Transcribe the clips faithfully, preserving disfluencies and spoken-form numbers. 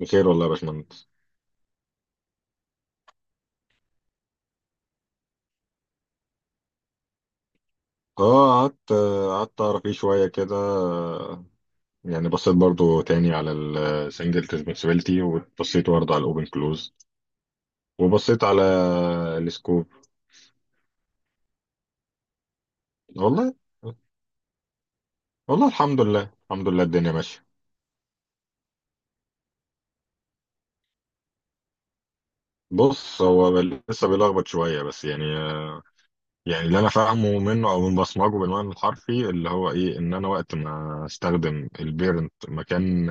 بخير والله يا باشمهندس. اه، قعدت قعدت اعرف فيه شويه كده. يعني بصيت برضو تاني على السنجل ريسبونسبيلتي، وبصيت برضو على الاوبن كلوز، وبصيت على السكوب. والله، والله الحمد لله، الحمد لله الدنيا ماشيه. بص، هو لسه بيلخبط شويه بس يعني. يعني اللي انا فاهمه منه او من بصمجه بالمعنى الحرفي اللي هو ايه، ان انا وقت ما استخدم البيرنت مكان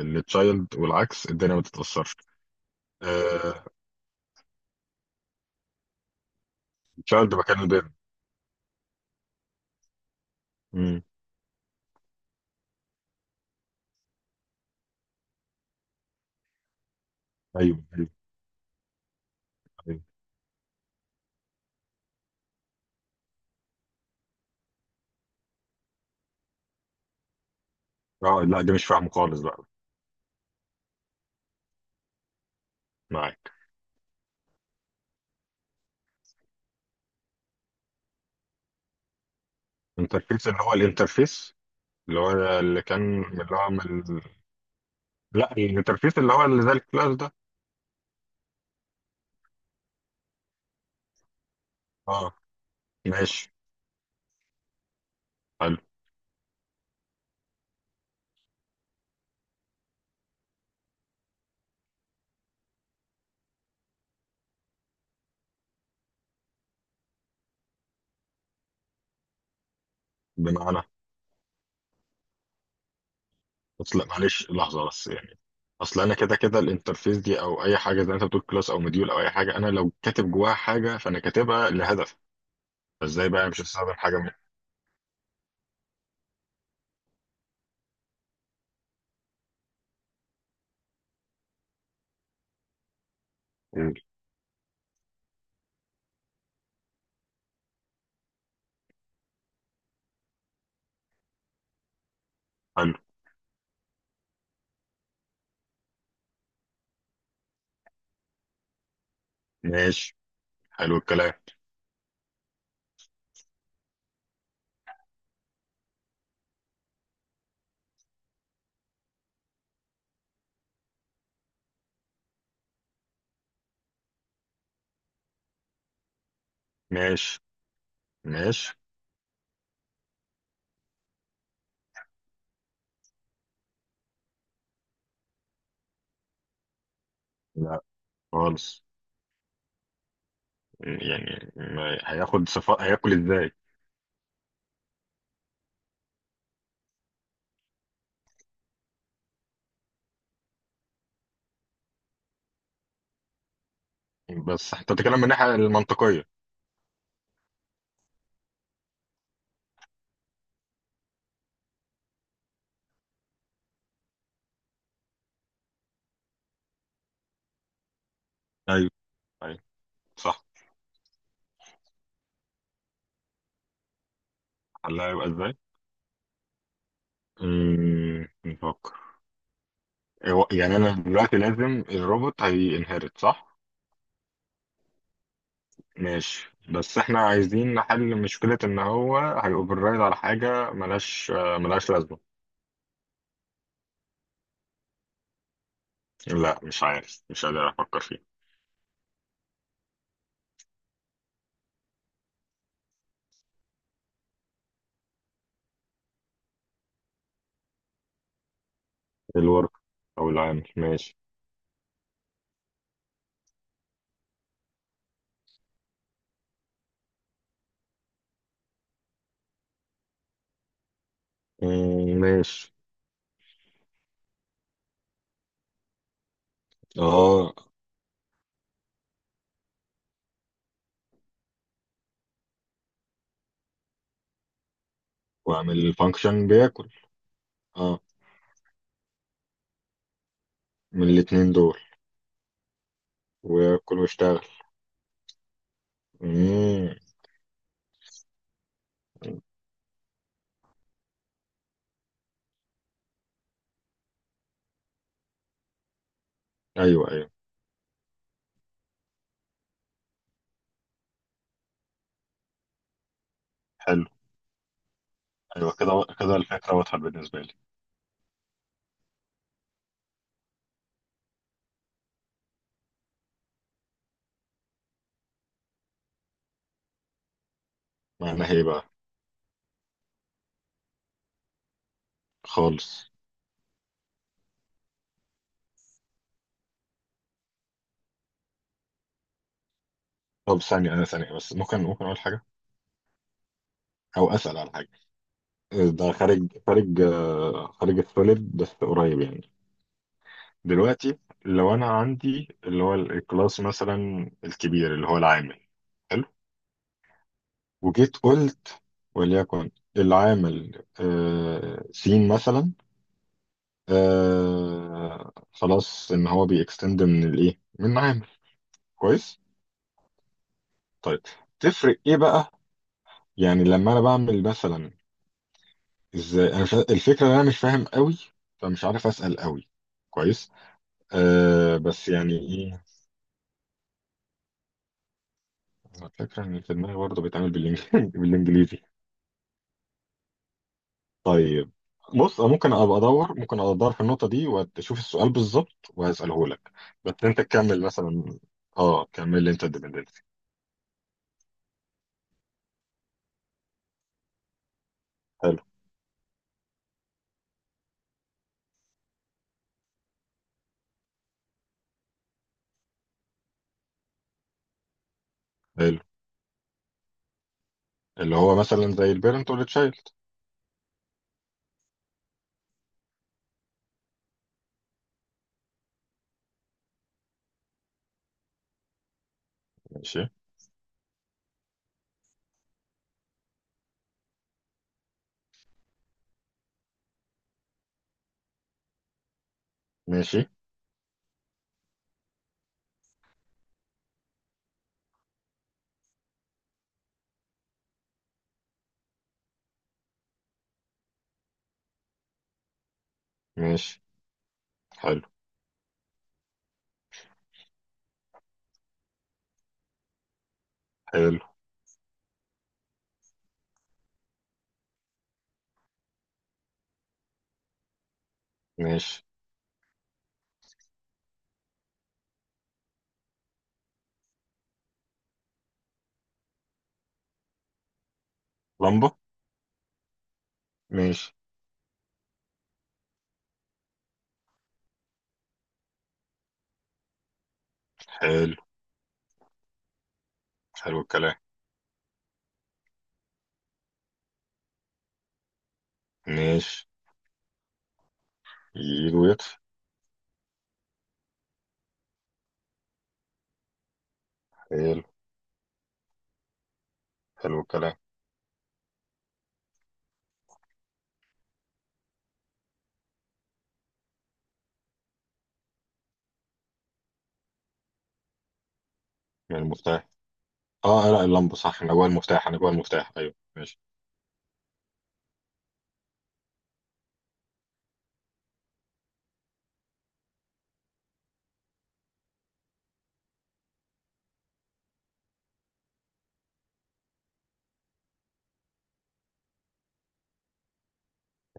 التشايلد والعكس الدنيا ما تتاثرش. آه، تشايلد مكان البيرن. امم. ايوه ايوه. ايوه. اه، لا دي مش فاهمه خالص بقى. معاك. انترفيس اللي هو الانترفيس اللي هو... اللي كان اللي هو من ال... لا، الانترفيس اللي هو اللي زي الكلاس ده. اه ماشي. حلو. بمعنى. اصل معلش لحظه بس يعني. اصل انا كده كده الانترفيس دي او اي حاجه زي ما انت بتقول كلاس او مديول او اي حاجه، انا لو كاتب جواها حاجه فانا كاتبها لهدف. فازاي بقى مش هستخدم حاجه من... حلو. ماشي. حلو الكلام. ماشي ماشي. لا خالص. يعني ما هياخد صفاء هياكل ازاي. بس انت بتتكلم من الناحيه المنطقيه. ايوه ايوه. صح. حلها هيبقى ازاي. امم، نفكر. هو- يعني انا دلوقتي لازم الروبوت هينهرت صح. ماشي، بس احنا عايزين نحل مشكله ان هو هيوفررايد على حاجه ملهاش آه، ملهاش لازمه. لا، مش عارف، مش قادر افكر فيه. الورك، او العامل، ماشي. مم، ماشي. اه. واعمل الفانكشن بياكل. اه، من الاتنين دول. وياكل ويشتغل. امم. ايوه ايوه. حلو. ايوه كده كده الفكره واضحه بالنسبه لي. معناها ايه بقى؟ خالص. طب ثانيه انا، ثانيه بس، ممكن ممكن اقول حاجه او اسال على حاجه. ده خارج، خارج آه، خارج السوليد بس قريب يعني. دلوقتي لو انا عندي اللي هو الكلاس مثلا الكبير اللي هو العامل. حلو. وجيت قلت وليكن العامل آه، سين مثلا. آه خلاص ان هو بيكستند من الايه، من عامل. كويس. طيب، تفرق ايه بقى؟ يعني لما انا بعمل مثلا، ازاي انا... مش الفكره ان انا مش فاهم قوي فمش عارف اسال قوي. كويس. آه، بس يعني ايه. أنا الفكره ان في دماغي برضه بيتعمل بالإنج- بالانجليزي. طيب. بص، أنا ممكن ابقى ادور، ممكن ابقى ادور في النقطه دي واشوف السؤال بالظبط وهساله لك. بس انت تكمل مثلا. اه، كمل لي انت الديبندنسي. حلو. حلو. اللي هو مثلا زي البيرنت والتشايلد. ماشي. ماشي ماشي. حلو. حلو. ماشي. لمبة. ماشي. حلو. حلو الكلام. ماشي. يجي ويطفي. حلو. حلو الكلام. من المفتاح. اه لا، اللمبة صح، انا جوه المفتاح، انا جوه المفتاح، ايوه ماشي.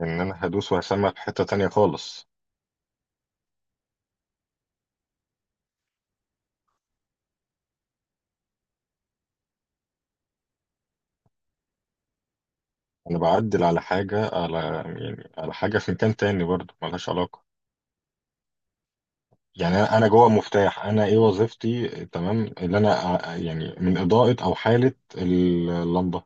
ان انا هدوس وهسمع في حتة تانية خالص. انا بعدل على حاجة، على يعني على حاجة في مكان تاني برضه ملهاش علاقة. يعني انا أنا جوه مفتاح، انا ايه وظيفتي؟ تمام اللي انا ع- يعني من اضاءة او حالة اللمبة.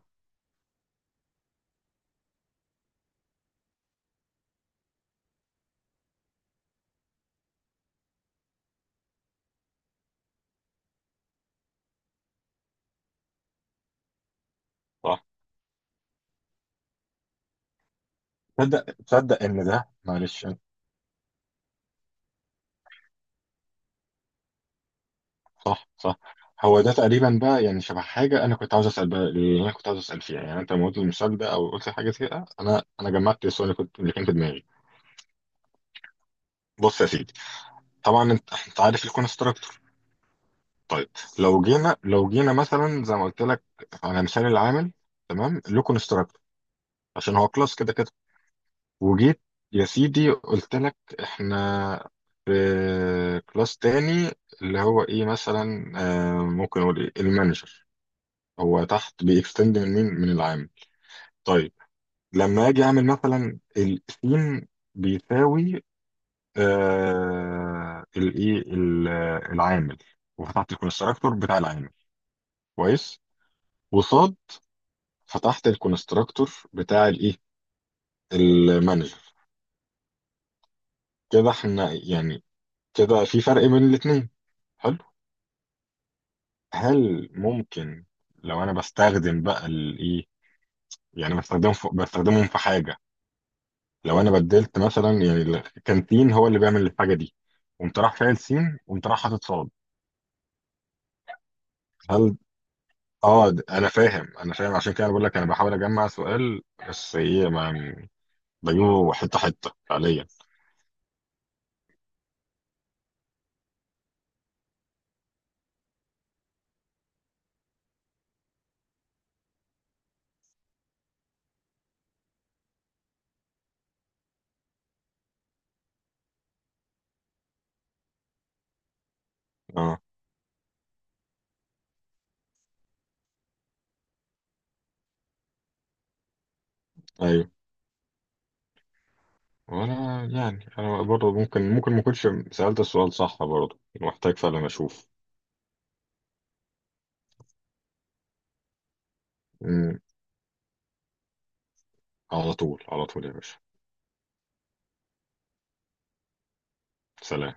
صح. تصدق، تصدق ان ده معلش. صح صح. هو ده تقريبا بقى، يعني شبه حاجه انا كنت عاوز اسال بقى، اللي انا كنت عاوز اسال فيها، يعني انت لما قلت المثال ده او قلت حاجه كده انا انا جمعت السؤال اللي كنت، اللي كان في دماغي. بص يا سيدي، طبعا انت انت عارف الكونستراكتور. طيب، لو جينا لو جينا مثلا زي ما قلت لك على مثال العامل. تمام، له كونستراكتور عشان هو كلاس كده كده. وجيت، يا سيدي قلت لك احنا في كلاس تاني اللي هو ايه مثلا آه، ممكن اقول ايه، المانجر. هو تحت بيكستند من مين، من العامل. طيب، لما اجي اعمل مثلا السين بيساوي آه الايه ال- العامل. وفتحت الكونستراكتور بتاع العامل. كويس. وصاد فتحت الكونستراكتور بتاع الايه المانجر. كده احنا يعني كده في فرق بين الاثنين. هل ممكن لو انا بستخدم بقى الايه، يعني بستخدمه في بستخدمهم في حاجه، لو انا بدلت مثلا يعني ال- كان سين هو اللي بيعمل الحاجه دي، قمت راح فاعل سين، قمت راح حاطط صاد. هل... اه، د- انا فاهم، انا فاهم، عشان كده انا بقول لك انا بحاول اجمع سؤال، بس ايه، ما يعني بجيبه حته حته فعليا. اه ايوه. وانا يعني انا برضه ممكن، ممكن ما كنتش سالت السؤال صح برضه، محتاج فعلا اشوف. مم. على طول، على طول يا باشا. سلام.